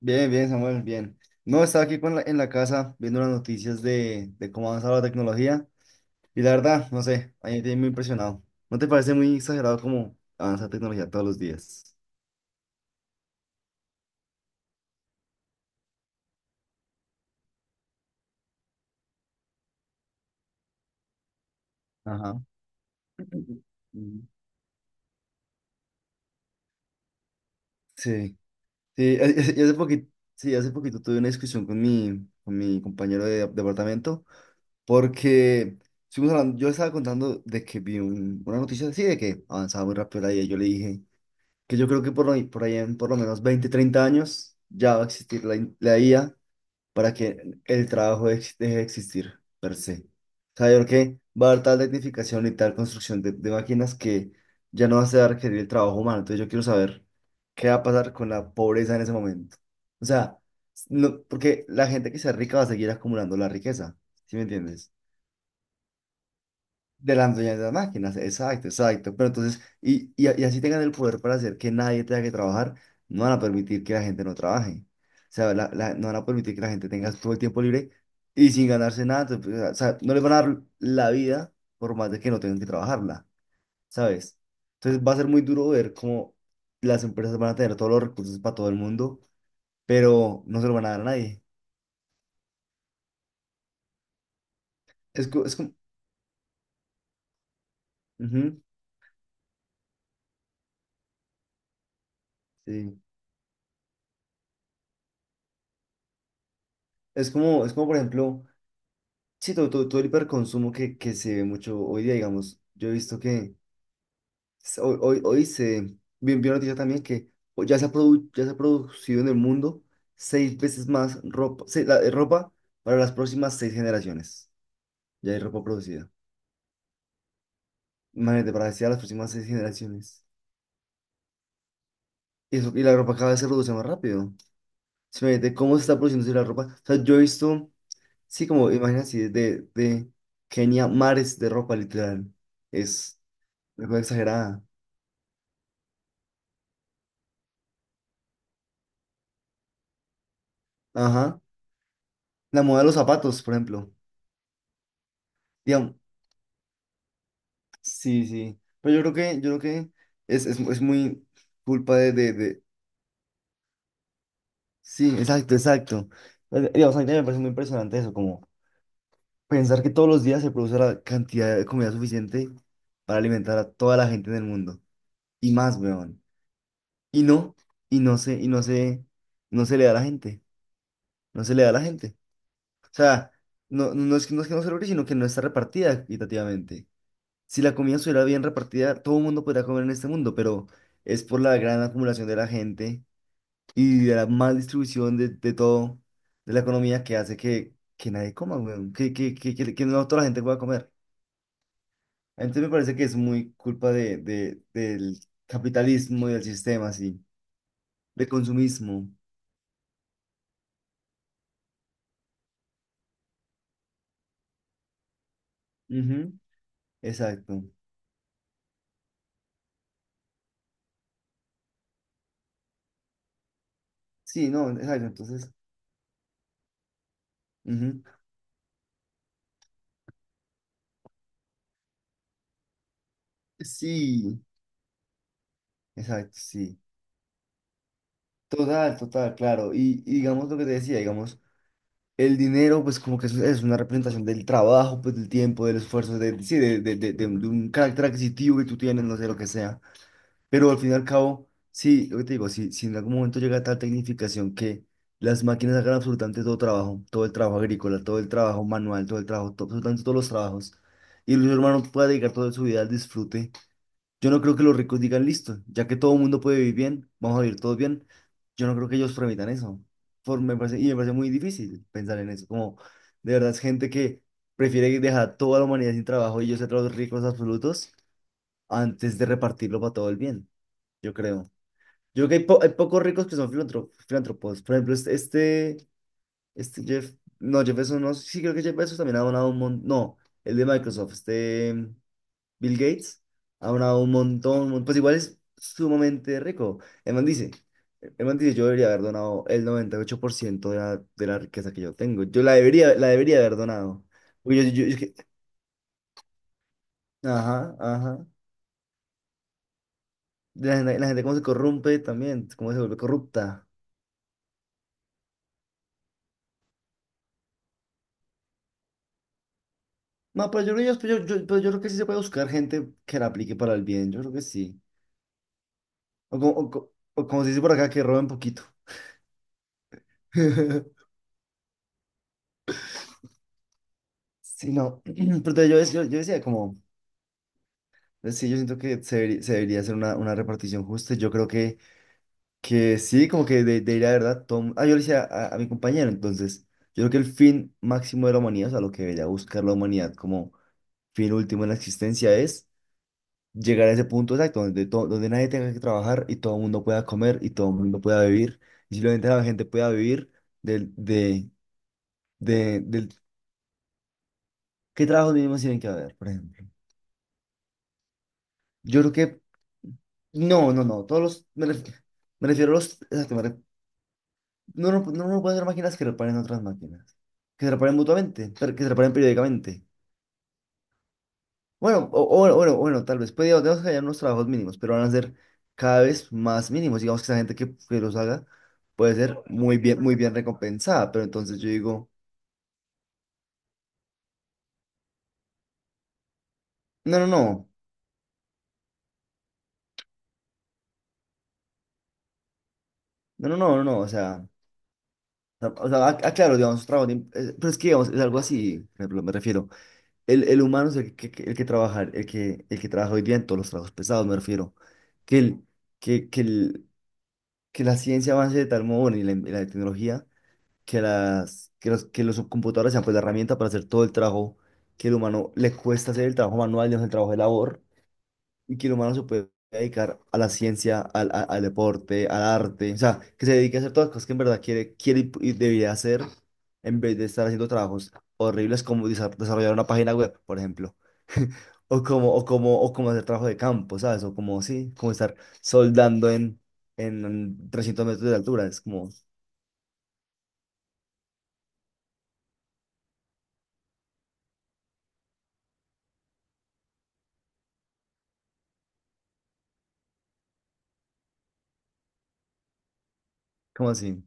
Bien, bien, Samuel, bien. No, estaba aquí con en la casa viendo las noticias de cómo ha avanzado la tecnología y la verdad, no sé, a mí me tiene muy impresionado. ¿No te parece muy exagerado cómo avanza la tecnología todos los días? Ajá. Mm. Sí, sí, a- a- y hace poquito, sí, hace poquito tuve una discusión con mi compañero de departamento porque yo estaba contando de que vi una noticia así de que avanzaba muy rápido la IA. Yo le dije, que yo creo que por ahí en por lo menos 20-30 años ya va a existir la IA para que el trabajo deje de existir per se. O sea, yo creo que va a haber tal tecnificación y tal construcción de máquinas que ya no se va a ser requerir el trabajo humano. Entonces yo quiero saber qué va a pasar con la pobreza en ese momento. O sea, no, porque la gente que sea rica va a seguir acumulando la riqueza, ¿sí me entiendes? De las dueñas de las máquinas, exacto, exacto. Pero entonces, y así tengan el poder para hacer que nadie tenga que trabajar, no van a permitir que la gente no trabaje. O sea, no van a permitir que la gente tenga todo el tiempo libre y sin ganarse nada. Entonces, pues, o sea, no les van a dar la vida por más de que no tengan que trabajarla, ¿sabes? Entonces va a ser muy duro ver cómo las empresas van a tener todos los recursos para todo el mundo, pero no se lo van a dar a nadie. Es como, ujú, sí. Es como, por ejemplo. Sí, todo el hiperconsumo que se ve mucho hoy día, digamos. Yo he visto que hoy se vi una noticia también que ya se ha producido en el mundo seis veces más ropa, ropa para las próximas seis generaciones. Ya hay ropa producida. Imagínate, para decir a las próximas seis generaciones. Y, eso, y la ropa cada vez se produce más rápido. Simplemente, ¿cómo se está produciendo la ropa? O sea, yo he visto, sí, como imagínate, así, de Kenia, mares de ropa, literal. Es una cosa exagerada. Ajá. La moda de los zapatos, por ejemplo. Digamos, sí, sí. Pero yo creo que es muy culpa de. Sí, exacto, exacto. Digamos, a mí también me parece muy impresionante eso, como pensar que todos los días se produce la cantidad de comida suficiente para alimentar a toda la gente en el mundo. Y más, weón. Y no, y no se le da a la gente. No se le da a la gente. O sea, no, es que no, es que no se logre, sino que no está repartida equitativamente. Si la comida estuviera bien repartida, todo el mundo podría comer en este mundo, pero es por la gran acumulación de la gente y de la mal distribución de todo, de la economía que hace que nadie coma, weón, que no toda la gente pueda comer. Entonces me parece que es muy culpa del capitalismo y del sistema, así, de consumismo. Ujú. Exacto. Sí, no, exacto, entonces. Ujú. Sí, exacto, sí. Total, total, claro. Y digamos lo que te decía, digamos. El dinero, pues como que es una representación del trabajo, pues del tiempo, del esfuerzo, de, sí, de un carácter adquisitivo que tú tienes, no sé lo que sea. Pero al fin y al cabo, sí, lo que te digo, si en algún momento llega tal tecnificación que las máquinas hagan absolutamente todo trabajo, todo el trabajo agrícola, todo el trabajo manual, todo el trabajo, to- absolutamente todos los trabajos, y el ser humano pueda dedicar toda su vida al disfrute. Yo no creo que los ricos digan listo, ya que todo el mundo puede vivir bien, vamos a vivir todos bien. Yo no creo que ellos permitan eso. Por, me parece, y Me parece muy difícil pensar en eso. Como de verdad es gente que prefiere dejar a toda la humanidad sin trabajo y ellos ser los ricos absolutos antes de repartirlo para todo el bien. Yo creo. Yo creo que hay pocos ricos que son filántropos. Por ejemplo, este Jeff, no, Jeff Bezos, no, sí creo que Jeff Bezos también ha donado un montón. No, el de Microsoft. Bill Gates ha donado un montón, pues igual es sumamente rico. El man dice, el man dice, yo debería haber donado el 98% de la riqueza que yo tengo. Yo la debería haber donado. Porque yo- yo- es que- Ajá, ajá. La gente cómo se corrompe también, cómo se vuelve corrupta. No, pero yo, creo yo- pero yo creo que sí se puede buscar gente que la aplique para el bien, yo creo que sí. O como, o co- o como se dice por acá, que roben poquito. Sí, no, pero entonces yo decía como... Sí, yo siento que se debería hacer una repartición justa. Yo creo que sí, como que de, debería, de ir a verdad, Tom. Ah, yo le decía a mi compañero, entonces, yo creo que el fin máximo de la humanidad, o sea, lo que debería buscar la humanidad como fin último en la existencia es llegar a ese punto exacto, donde nadie tenga que trabajar y todo el mundo pueda comer y todo el mundo pueda vivir. Y simplemente la gente pueda vivir del, de, del. ¿Qué trabajos mínimos tienen que haber, por ejemplo? Yo creo que, no, no, no, todos los, me refiero a los, exacto. No, no, no puede ser máquinas que reparen otras máquinas. Que se reparen mutuamente, pero que se reparen periódicamente. Bueno, bueno, bueno, bueno, tal vez. Podríamos Tenemos que hallar unos trabajos mínimos, pero van a ser cada vez más mínimos. Digamos que esa gente que los haga puede ser muy bien recompensada. Pero entonces yo digo, no, no, no, no, no, no, no, no, o sea, claro, digamos, pero es que digamos, es algo así, por ejemplo, me refiero. El humano es el el que trabajar, el que trabaja hoy día en todos los trabajos pesados, me refiero. Que el, que, que el, que la ciencia avance de tal modo, bueno, y la tecnología, que los computadores sean pues la herramienta para hacer todo el trabajo que el humano le cuesta hacer, el trabajo manual, digamos, el trabajo de labor y que el humano se puede dedicar a la ciencia, al deporte, al arte, o sea, que se dedique a hacer todas las cosas que en verdad quiere, quiere y debería hacer en vez de estar haciendo trabajos horribles como desarrollar una página web, por ejemplo. O como hacer trabajo de campo, ¿sabes? O como, sí, como estar soldando en 300 metros de altura, es como, como así.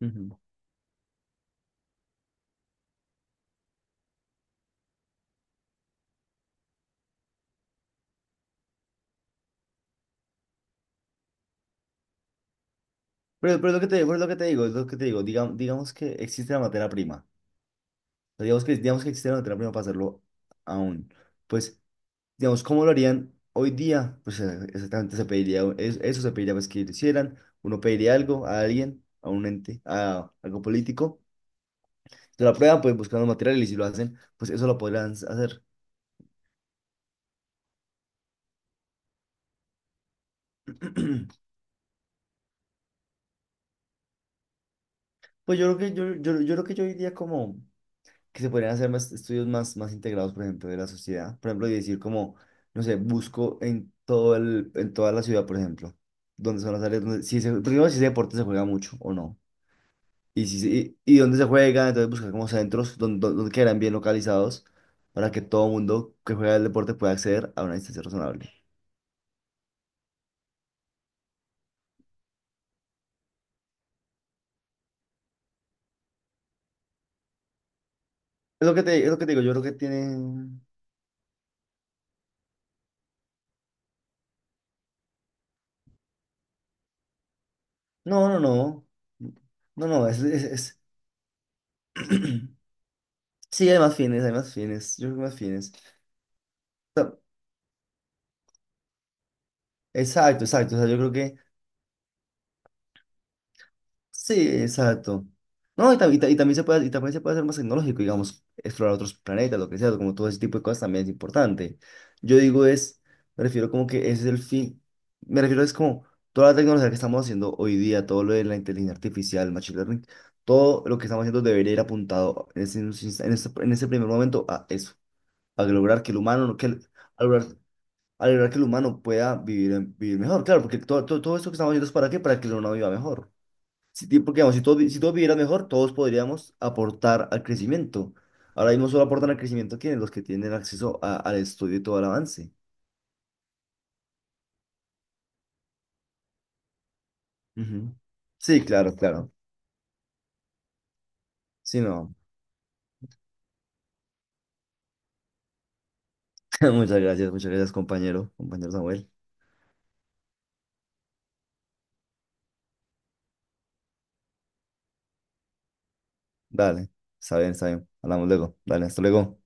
Ujú. Pero es lo que te digo, es lo que te digo, es lo que te digo, digamos, digamos que existe la materia prima. O sea, digamos que existe la materia prima para hacerlo aún, pues digamos, ¿cómo lo harían hoy día? Exactamente eso se pediría, pues, que lo hicieran. Uno pediría algo a alguien, a un ente, a algo político. Se la prueban, pues buscan los materiales y si lo hacen, pues eso lo podrán hacer. Pues yo creo que yo creo que yo diría como que se podrían hacer más estudios más integrados, por ejemplo, de la sociedad. Por ejemplo, y decir como, no sé, busco en toda la ciudad, por ejemplo, donde son las áreas donde, primero si ese deporte se juega mucho o no. Y, si, se- y dónde se juega, entonces buscar como centros donde quedarán bien localizados para que todo mundo que juega el deporte pueda acceder a una distancia razonable. Es lo que te, es lo que te digo, yo creo que tiene... No, no, no. No, no, Sí, hay más fines, yo creo que hay más fines. O sea, exacto, exacto, o sea, yo creo que. Sí, exacto. No, y, ta- y ta- y también se puede, y también se puede hacer más tecnológico, digamos, explorar otros planetas, lo que sea, como todo ese tipo de cosas también es importante. Yo digo es, me refiero como que ese es el fin, me refiero es como toda la tecnología que estamos haciendo hoy día, todo lo de la inteligencia artificial, machine learning, todo lo que estamos haciendo debería ir apuntado en ese, en ese primer momento a eso, a lograr que el humano, no- que el- a lograr, a lograr que el humano pueda vivir, vivir mejor, claro, porque todo esto que estamos haciendo es para qué, para que el humano viva mejor. Porque digamos, si todos vivieran mejor, todos podríamos aportar al crecimiento. Ahora mismo solo aportan al crecimiento los que tienen acceso al estudio y todo el avance. Ujú. Sí, claro, claro. Sí, no. Muchas gracias, compañero, compañero Samuel. Dale, está bien, está bien. Hablamos luego. Dale, hasta luego.